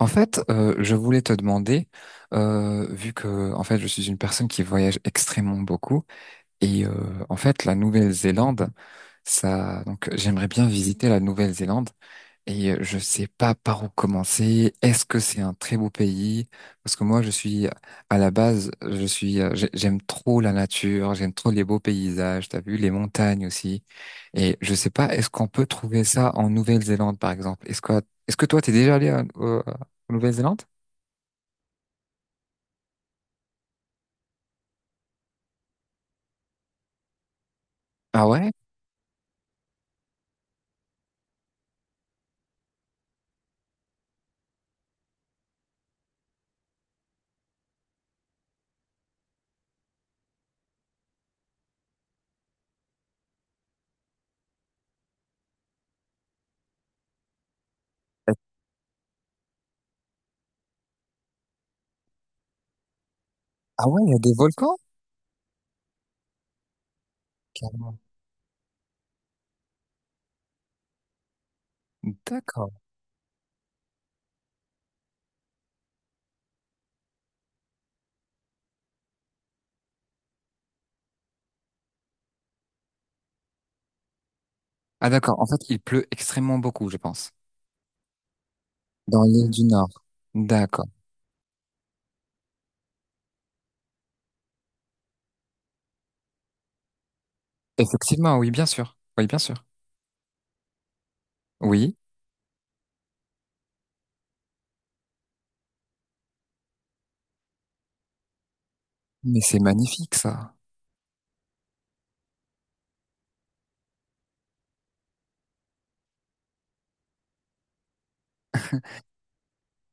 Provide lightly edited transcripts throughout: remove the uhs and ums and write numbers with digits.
En fait, je voulais te demander, vu que en fait je suis une personne qui voyage extrêmement beaucoup, et en fait la Nouvelle-Zélande, ça, donc j'aimerais bien visiter la Nouvelle-Zélande, et je sais pas par où commencer. Est-ce que c'est un très beau pays? Parce que moi je suis à la base, je suis, j'aime trop la nature, j'aime trop les beaux paysages, t'as vu les montagnes aussi, et je sais pas, est-ce qu'on peut trouver ça en Nouvelle-Zélande par exemple? Est-ce que toi t'es déjà allé en Nouvelle-Zélande? Ah ouais? Euh, Ah ouais, il y a des volcans? Carrément. D'accord. Ah d'accord, en fait, il pleut extrêmement beaucoup, je pense. Dans l'île du Nord. D'accord. Effectivement, oui, bien sûr. Oui, bien sûr. Oui, mais c'est magnifique, ça.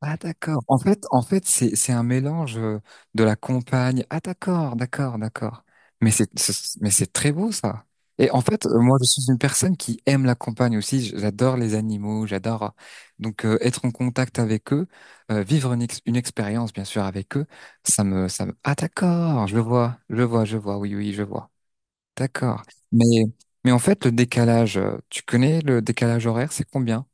Ah d'accord. En fait, c'est un mélange de la campagne. Ah d'accord, d'accord, d'accord. Mais c'est très beau ça. Et en fait, moi, je suis une personne qui aime la campagne aussi. J'adore les animaux, j'adore donc être en contact avec eux, vivre une expérience bien sûr avec eux. Ça me. Ah d'accord, je vois, je vois, je vois. Oui, oui, je vois. D'accord. Mais mais en fait, le décalage, tu connais le décalage horaire, c'est combien?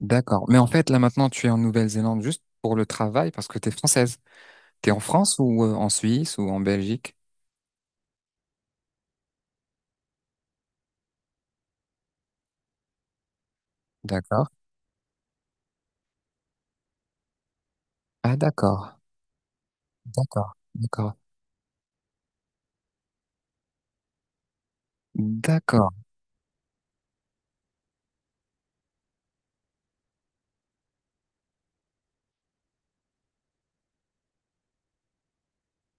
D'accord. Mais en fait, là maintenant, tu es en Nouvelle-Zélande juste pour le travail parce que tu es française. Tu es en France ou en Suisse ou en Belgique? D'accord. Ah, d'accord. D'accord. D'accord. D'accord.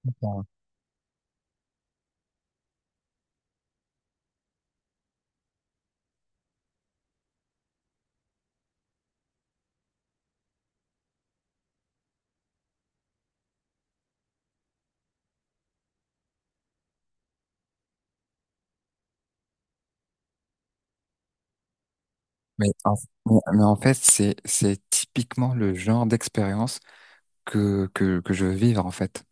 D'accord. Mais en, mais en fait, c'est typiquement le genre d'expérience que je veux vivre en fait.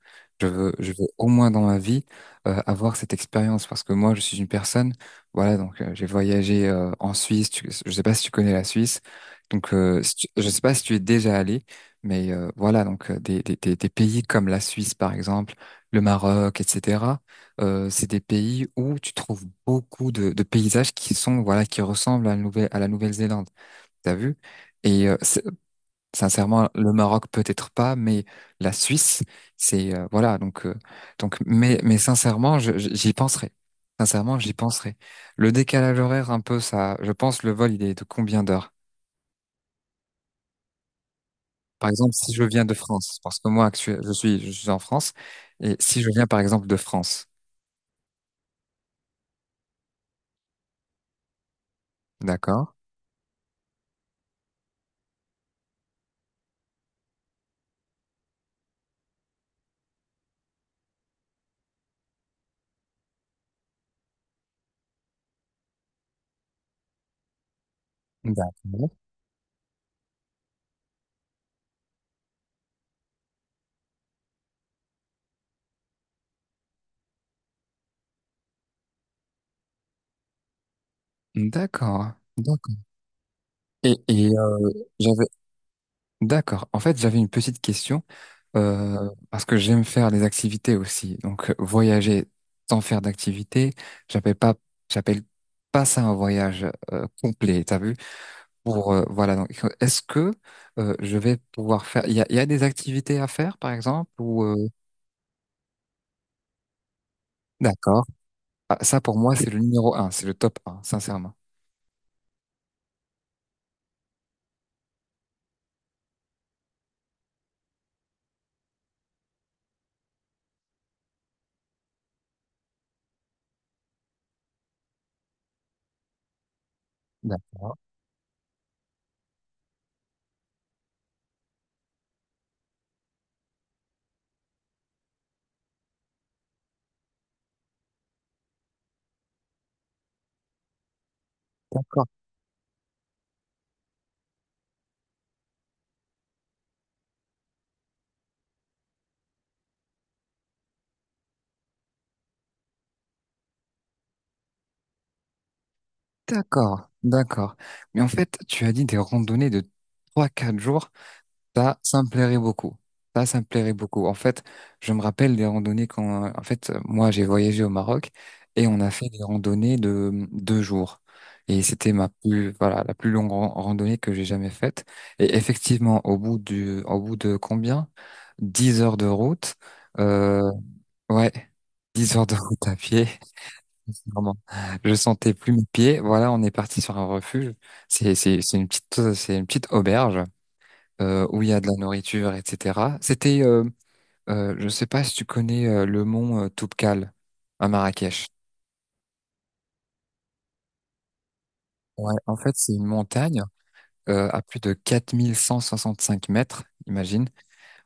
Je veux au moins dans ma vie avoir cette expérience parce que moi je suis une personne, voilà, donc j'ai voyagé en Suisse, je sais pas si tu connais la Suisse, donc si tu- je sais pas si tu es déjà allé, mais voilà, donc des pays comme la Suisse par exemple, le Maroc, etc., c'est des pays où tu trouves beaucoup de paysages qui sont, voilà, qui ressemblent à la Nouvelle-Zélande, t'as vu? Et sincèrement, le Maroc peut-être pas, mais la Suisse, c'est voilà. Donc, mais sincèrement, j'y penserai. Sincèrement, j'y penserai. Le décalage horaire, un peu ça. Je pense le vol, il est de combien d'heures? Par exemple, si je viens de France, parce que moi, je suis en France, et si je viens par exemple de France, d'accord? D'accord. D'accord. D'accord. Et j'avais, d'accord. En fait, j'avais une petite question. Parce que j'aime faire des activités aussi. Donc, voyager sans faire d'activité, j'appelle pas, j'appelle pas ça un voyage complet, t'as vu? Pour, voilà, donc, est-ce que je vais pouvoir faire. Il y a des activités à faire, par exemple, ou. D'accord. Ah, ça, pour moi, c'est le numéro un, c'est le top un, sincèrement. D'accord. D'accord. D'accord. D'accord. Mais en fait, tu as dit des randonnées de 3, 4 jours. Ça, ça me plairait beaucoup. Ça me plairait beaucoup. En fait, je me rappelle des randonnées quand, en fait, moi, j'ai voyagé au Maroc et on a fait des randonnées de 2 jours. Et c'était ma plus, voilà, la plus longue randonnée que j'ai jamais faite. Et effectivement, au bout de combien? 10 heures de route, euh, ouais, 10 heures de route à pied. Vraiment. Je sentais plus mes pieds. Voilà, on est parti sur un refuge. C'est une petite auberge où il y a de la nourriture, etc. C'était, je sais pas si tu connais le mont Toubkal à Marrakech. Ouais, en fait, c'est une montagne à plus de 4165 mètres, imagine.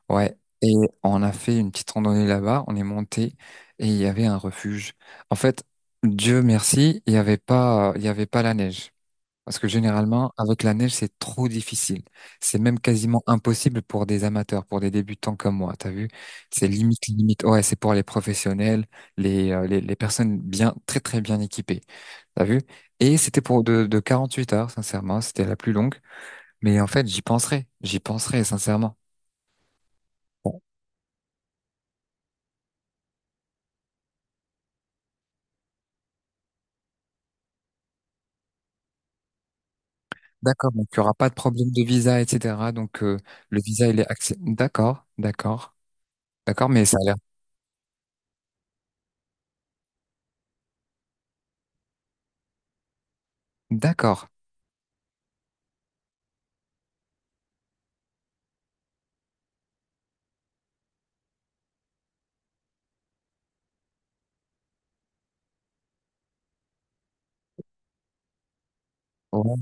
Ouais. Et on a fait une petite randonnée là-bas, on est monté et il y avait un refuge. En fait, Dieu merci, il y avait pas la neige. Parce que généralement, avec la neige, c'est trop difficile. C'est même quasiment impossible pour des amateurs, pour des débutants comme moi. T'as vu? C'est limite, limite. Ouais, c'est pour les professionnels, les personnes bien, très, très bien équipées. T'as vu? Et c'était pour de 48 heures, sincèrement. C'était la plus longue. Mais en fait, j'y penserai. J'y penserai, sincèrement. Bon, d'accord. Donc, il n'y aura pas de problème de visa, etc. Donc, le visa, il est accès. D'accord, d'accord, d'accord. Mais ça a l'air. D'accord. Ouais,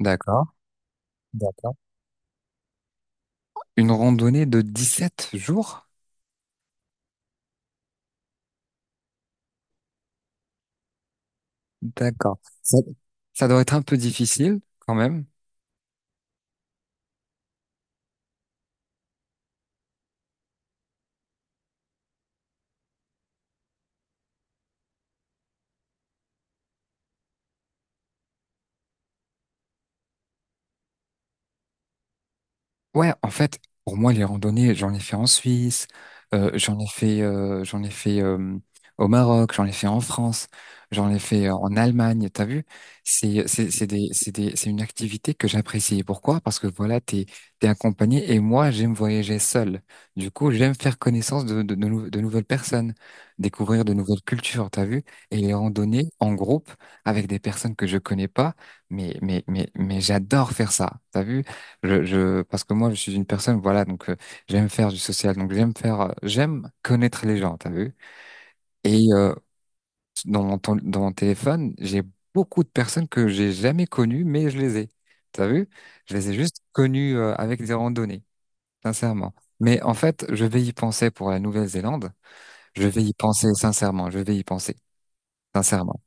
d'accord. D'accord. Une randonnée de 17 jours? D'accord. Ça doit être un peu difficile quand même. Ouais, en fait, pour moi, les randonnées, j'en ai fait en Suisse, j'en ai fait au Maroc, j'en ai fait en France, j'en ai fait en Allemagne. T'as vu? C'est une activité que j'apprécie. Pourquoi? Parce que voilà, t'es accompagné et moi, j'aime voyager seul. Du coup, j'aime faire connaissance de nouvelles personnes, découvrir de nouvelles cultures. T'as vu? Et les randonnées en groupe avec des personnes que je connais pas, mais j'adore faire ça. T'as vu? Parce que moi, je suis une personne, voilà, donc j'aime faire du social, donc j'aime faire, j'aime connaître les gens, t'as vu? Et dans mon téléphone, j'ai beaucoup de personnes que j'ai jamais connues, mais je les ai, t'as vu? Je les ai juste connues avec des randonnées, sincèrement. Mais en fait, je vais y penser pour la Nouvelle-Zélande, je vais y penser sincèrement, je vais y penser sincèrement.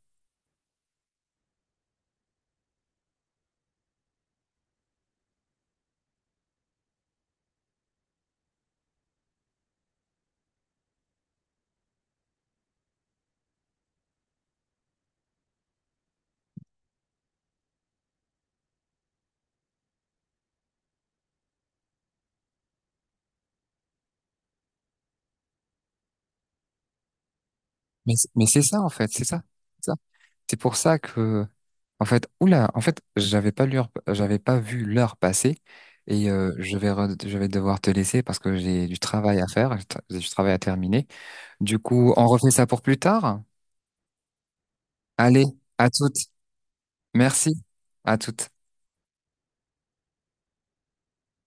Mais c'est ça, en fait, c'est ça. C'est ça. C'est pour ça que, en fait, oula, en fait, j'avais pas l'heure, j'avais pas vu l'heure passer et je vais devoir te laisser parce que j'ai du travail à faire, j'ai du travail à terminer. Du coup, on refait ça pour plus tard. Allez, à toutes. Merci. À toutes.